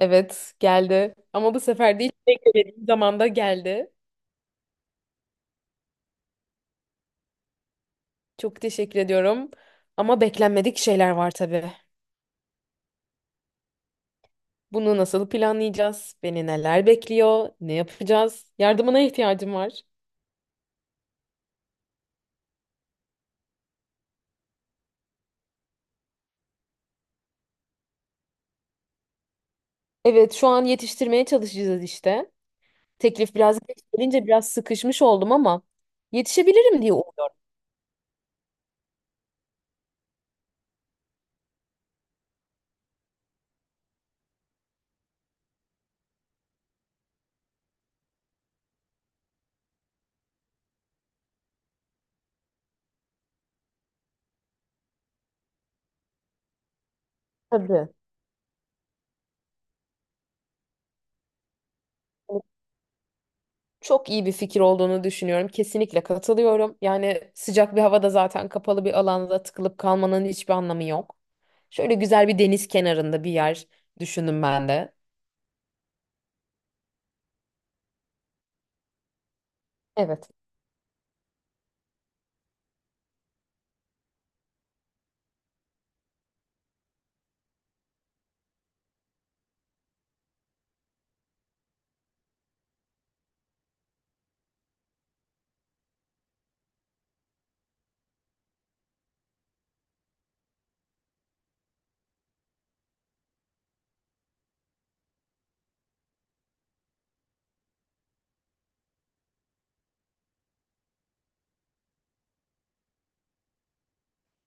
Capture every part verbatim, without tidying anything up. Evet, geldi. Ama bu sefer değil, beklediğim zamanda geldi. Çok teşekkür ediyorum. Ama beklenmedik şeyler var tabii. Bunu nasıl planlayacağız? Beni neler bekliyor? Ne yapacağız? Yardımına ihtiyacım var. Evet, şu an yetiştirmeye çalışacağız işte. Teklif biraz geç gelince biraz sıkışmış oldum ama yetişebilirim diye umuyorum. Tabii. Hani, çok iyi bir fikir olduğunu düşünüyorum. Kesinlikle katılıyorum. Yani sıcak bir havada zaten kapalı bir alanda tıkılıp kalmanın hiçbir anlamı yok. Şöyle güzel bir deniz kenarında bir yer düşündüm ben de. Evet.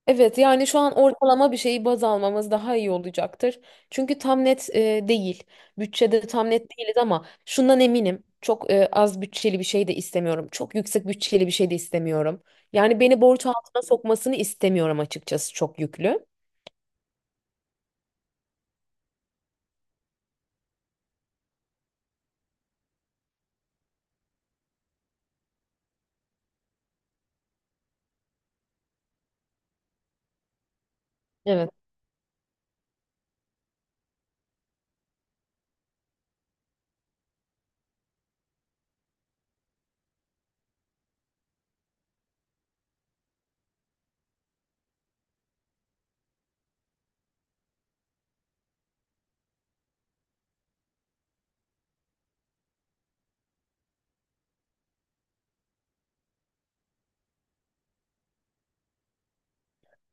Evet, yani şu an ortalama bir şeyi baz almamız daha iyi olacaktır. Çünkü tam net e, değil. Bütçede tam net değiliz ama şundan eminim. Çok e, az bütçeli bir şey de istemiyorum. Çok yüksek bütçeli bir şey de istemiyorum. Yani beni borç altına sokmasını istemiyorum, açıkçası çok yüklü.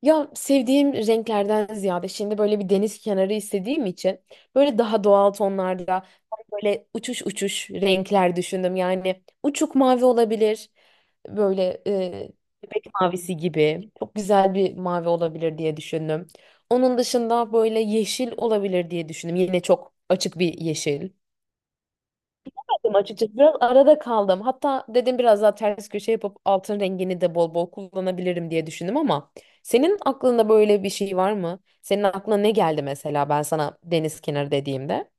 Ya, sevdiğim renklerden ziyade şimdi böyle bir deniz kenarı istediğim için böyle daha doğal tonlarda, böyle uçuş uçuş renkler düşündüm. Yani uçuk mavi olabilir. Böyle e, bebek mavisi gibi çok güzel bir mavi olabilir diye düşündüm. Onun dışında böyle yeşil olabilir diye düşündüm. Yine çok açık bir yeşil açıkçası. Biraz arada kaldım. Hatta dedim biraz daha ters köşe yapıp altın rengini de bol bol kullanabilirim diye düşündüm, ama senin aklında böyle bir şey var mı? Senin aklına ne geldi mesela ben sana deniz kenarı dediğimde?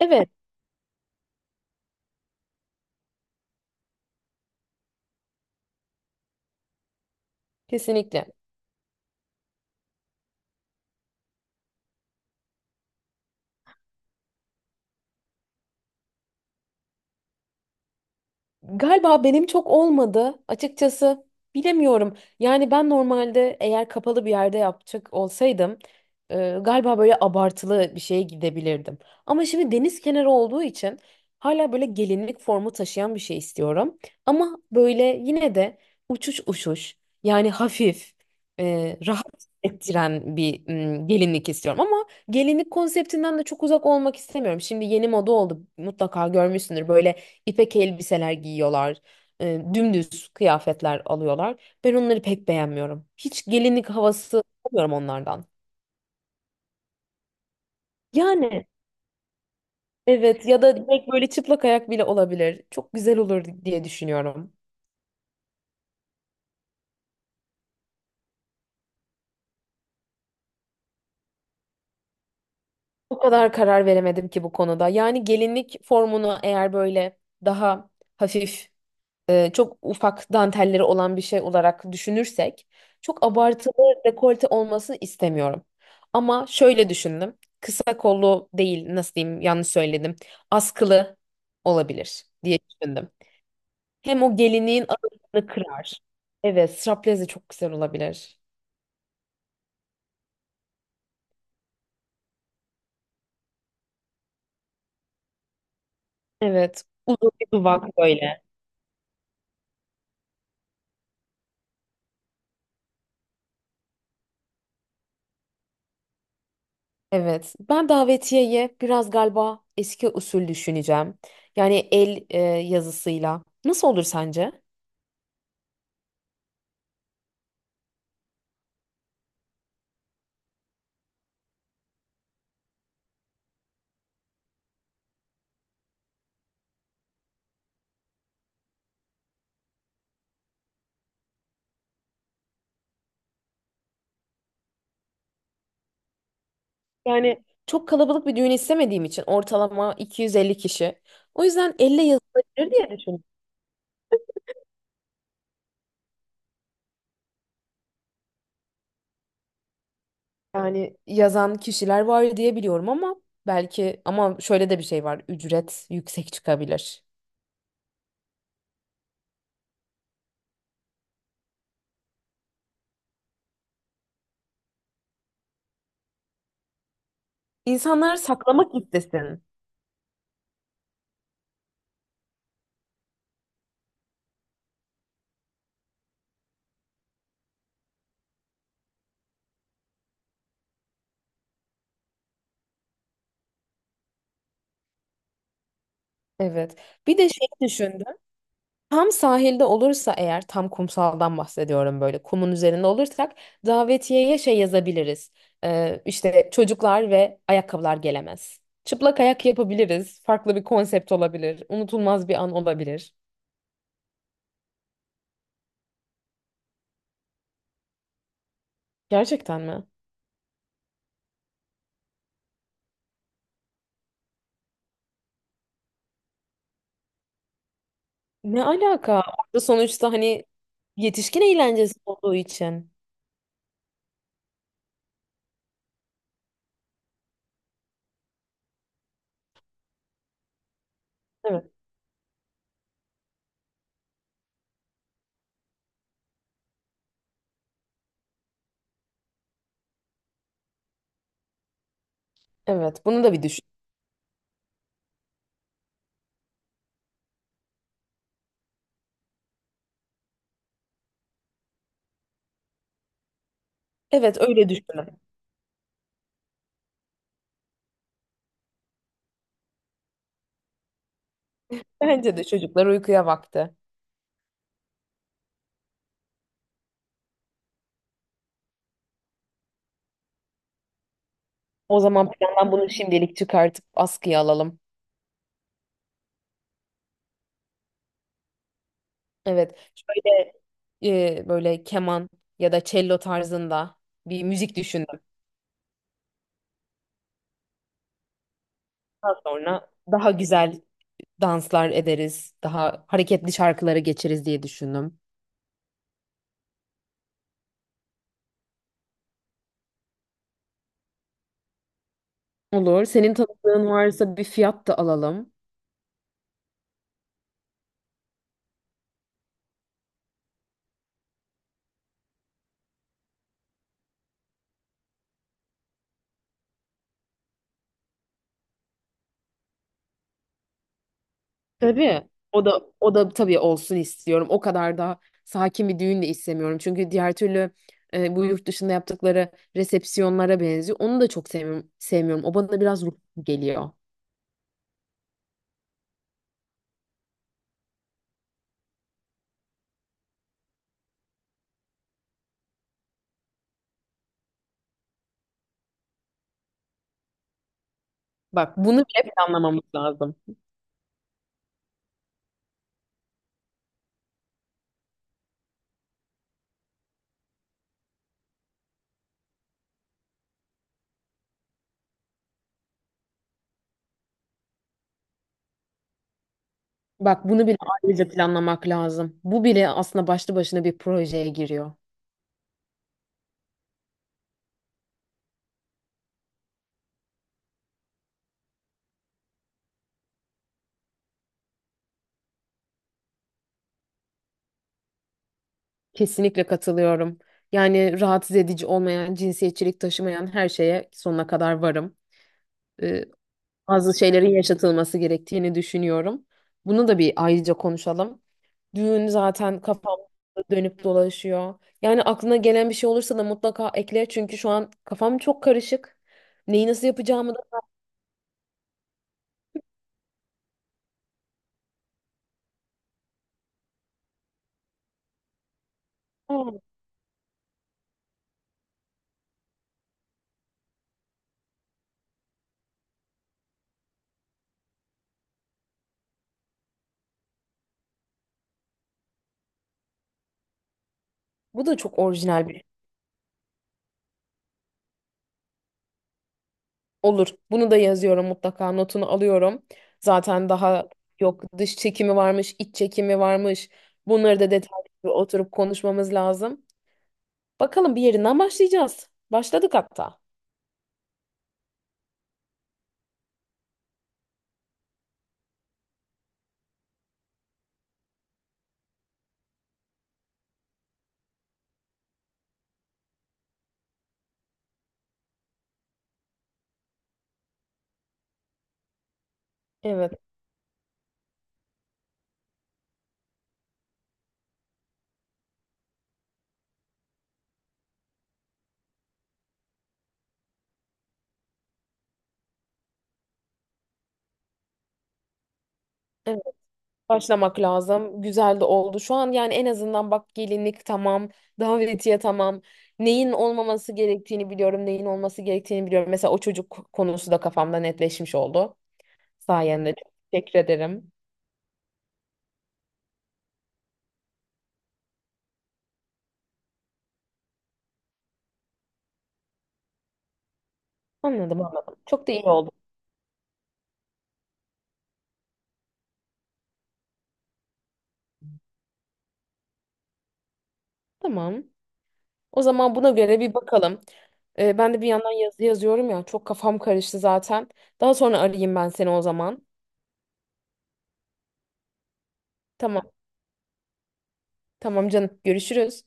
Evet, kesinlikle. Galiba benim çok olmadı. Açıkçası bilemiyorum. Yani ben normalde eğer kapalı bir yerde yapacak olsaydım, e, galiba böyle abartılı bir şeye gidebilirdim. Ama şimdi deniz kenarı olduğu için hala böyle gelinlik formu taşıyan bir şey istiyorum. Ama böyle yine de uçuş uçuş, yani hafif, e, rahat ettiren bir mm, gelinlik istiyorum. Ama gelinlik konseptinden de çok uzak olmak istemiyorum. Şimdi yeni moda oldu, mutlaka görmüşsündür böyle. İpek elbiseler giyiyorlar. e, dümdüz kıyafetler alıyorlar. Ben onları pek beğenmiyorum. Hiç gelinlik havası alamıyorum onlardan. Yani evet, ya da direkt böyle çıplak ayak bile olabilir. Çok güzel olur diye düşünüyorum. O kadar karar veremedim ki bu konuda. Yani gelinlik formunu eğer böyle daha hafif, e, çok ufak dantelleri olan bir şey olarak düşünürsek çok abartılı dekolte olmasını istemiyorum. Ama şöyle düşündüm. Kısa kollu değil, nasıl diyeyim, yanlış söyledim. Askılı olabilir diye düşündüm. Hem o gelinliğin ağırlığını kırar. Evet, straplez de çok güzel olabilir. Evet, uzun bir duvak böyle. Evet, ben davetiyeye biraz galiba eski usul düşüneceğim. Yani el e, yazısıyla. Nasıl olur sence? Yani çok kalabalık bir düğün istemediğim için ortalama iki yüz elli kişi. O yüzden elle yazılabilir diye düşünüyorum. Yani yazan kişiler var diye biliyorum ama belki, ama şöyle de bir şey var. Ücret yüksek çıkabilir. İnsanlar saklamak istesin. Evet. Bir de şey düşün. Tam sahilde olursa, eğer tam kumsaldan bahsediyorum, böyle kumun üzerinde olursak davetiyeye şey yazabiliriz. Ee, işte çocuklar ve ayakkabılar gelemez. Çıplak ayak yapabiliriz. Farklı bir konsept olabilir. Unutulmaz bir an olabilir. Gerçekten mi? Ne alaka? Orada sonuçta hani yetişkin eğlencesi olduğu için. Evet. Evet, bunu da bir düşün. Evet, öyle düşünün. Bence de çocuklar uykuya vakti. O zaman plandan bunu şimdilik çıkartıp askıya alalım. Evet. şöyle e, böyle keman ya da cello tarzında bir müzik düşündüm. Daha sonra daha güzel danslar ederiz, daha hareketli şarkılara geçeriz diye düşündüm. Olur. Senin tanıdığın varsa bir fiyat da alalım. Tabii. O da, o da tabii olsun istiyorum. O kadar da sakin bir düğün de istemiyorum. Çünkü diğer türlü e, bu yurt dışında yaptıkları resepsiyonlara benziyor. Onu da çok sevmiyorum. Sevmiyorum. O bana biraz ruh geliyor. Bak, bunu bile planlamamız lazım. Bak, bunu bile ayrıca planlamak lazım. Bu bile aslında başlı başına bir projeye giriyor. Kesinlikle katılıyorum. Yani rahatsız edici olmayan, cinsiyetçilik taşımayan her şeye sonuna kadar varım. Ee, bazı şeylerin yaşatılması gerektiğini düşünüyorum. Bunu da bir ayrıca konuşalım. Düğün zaten kafamda dönüp dolaşıyor. Yani aklına gelen bir şey olursa da mutlaka ekle. Çünkü şu an kafam çok karışık. Neyi nasıl yapacağımı da... Aa, bu da çok orijinal. Olur. Bunu da yazıyorum mutlaka. Notunu alıyorum. Zaten daha yok, dış çekimi varmış, iç çekimi varmış. Bunları da detaylı bir oturup konuşmamız lazım. Bakalım, bir yerinden başlayacağız. Başladık hatta. Evet. başlamak lazım. Güzel de oldu. Şu an yani en azından bak, gelinlik tamam, davetiye tamam. Neyin olmaması gerektiğini biliyorum, neyin olması gerektiğini biliyorum. Mesela o çocuk konusu da kafamda netleşmiş oldu sayende. Çok teşekkür ederim. Anladım, anladım. Çok da iyi oldu. Tamam. O zaman buna göre bir bakalım. Ee, ben de bir yandan yazı yazıyorum ya. Çok kafam karıştı zaten. Daha sonra arayayım ben seni o zaman. Tamam. Tamam canım. Görüşürüz.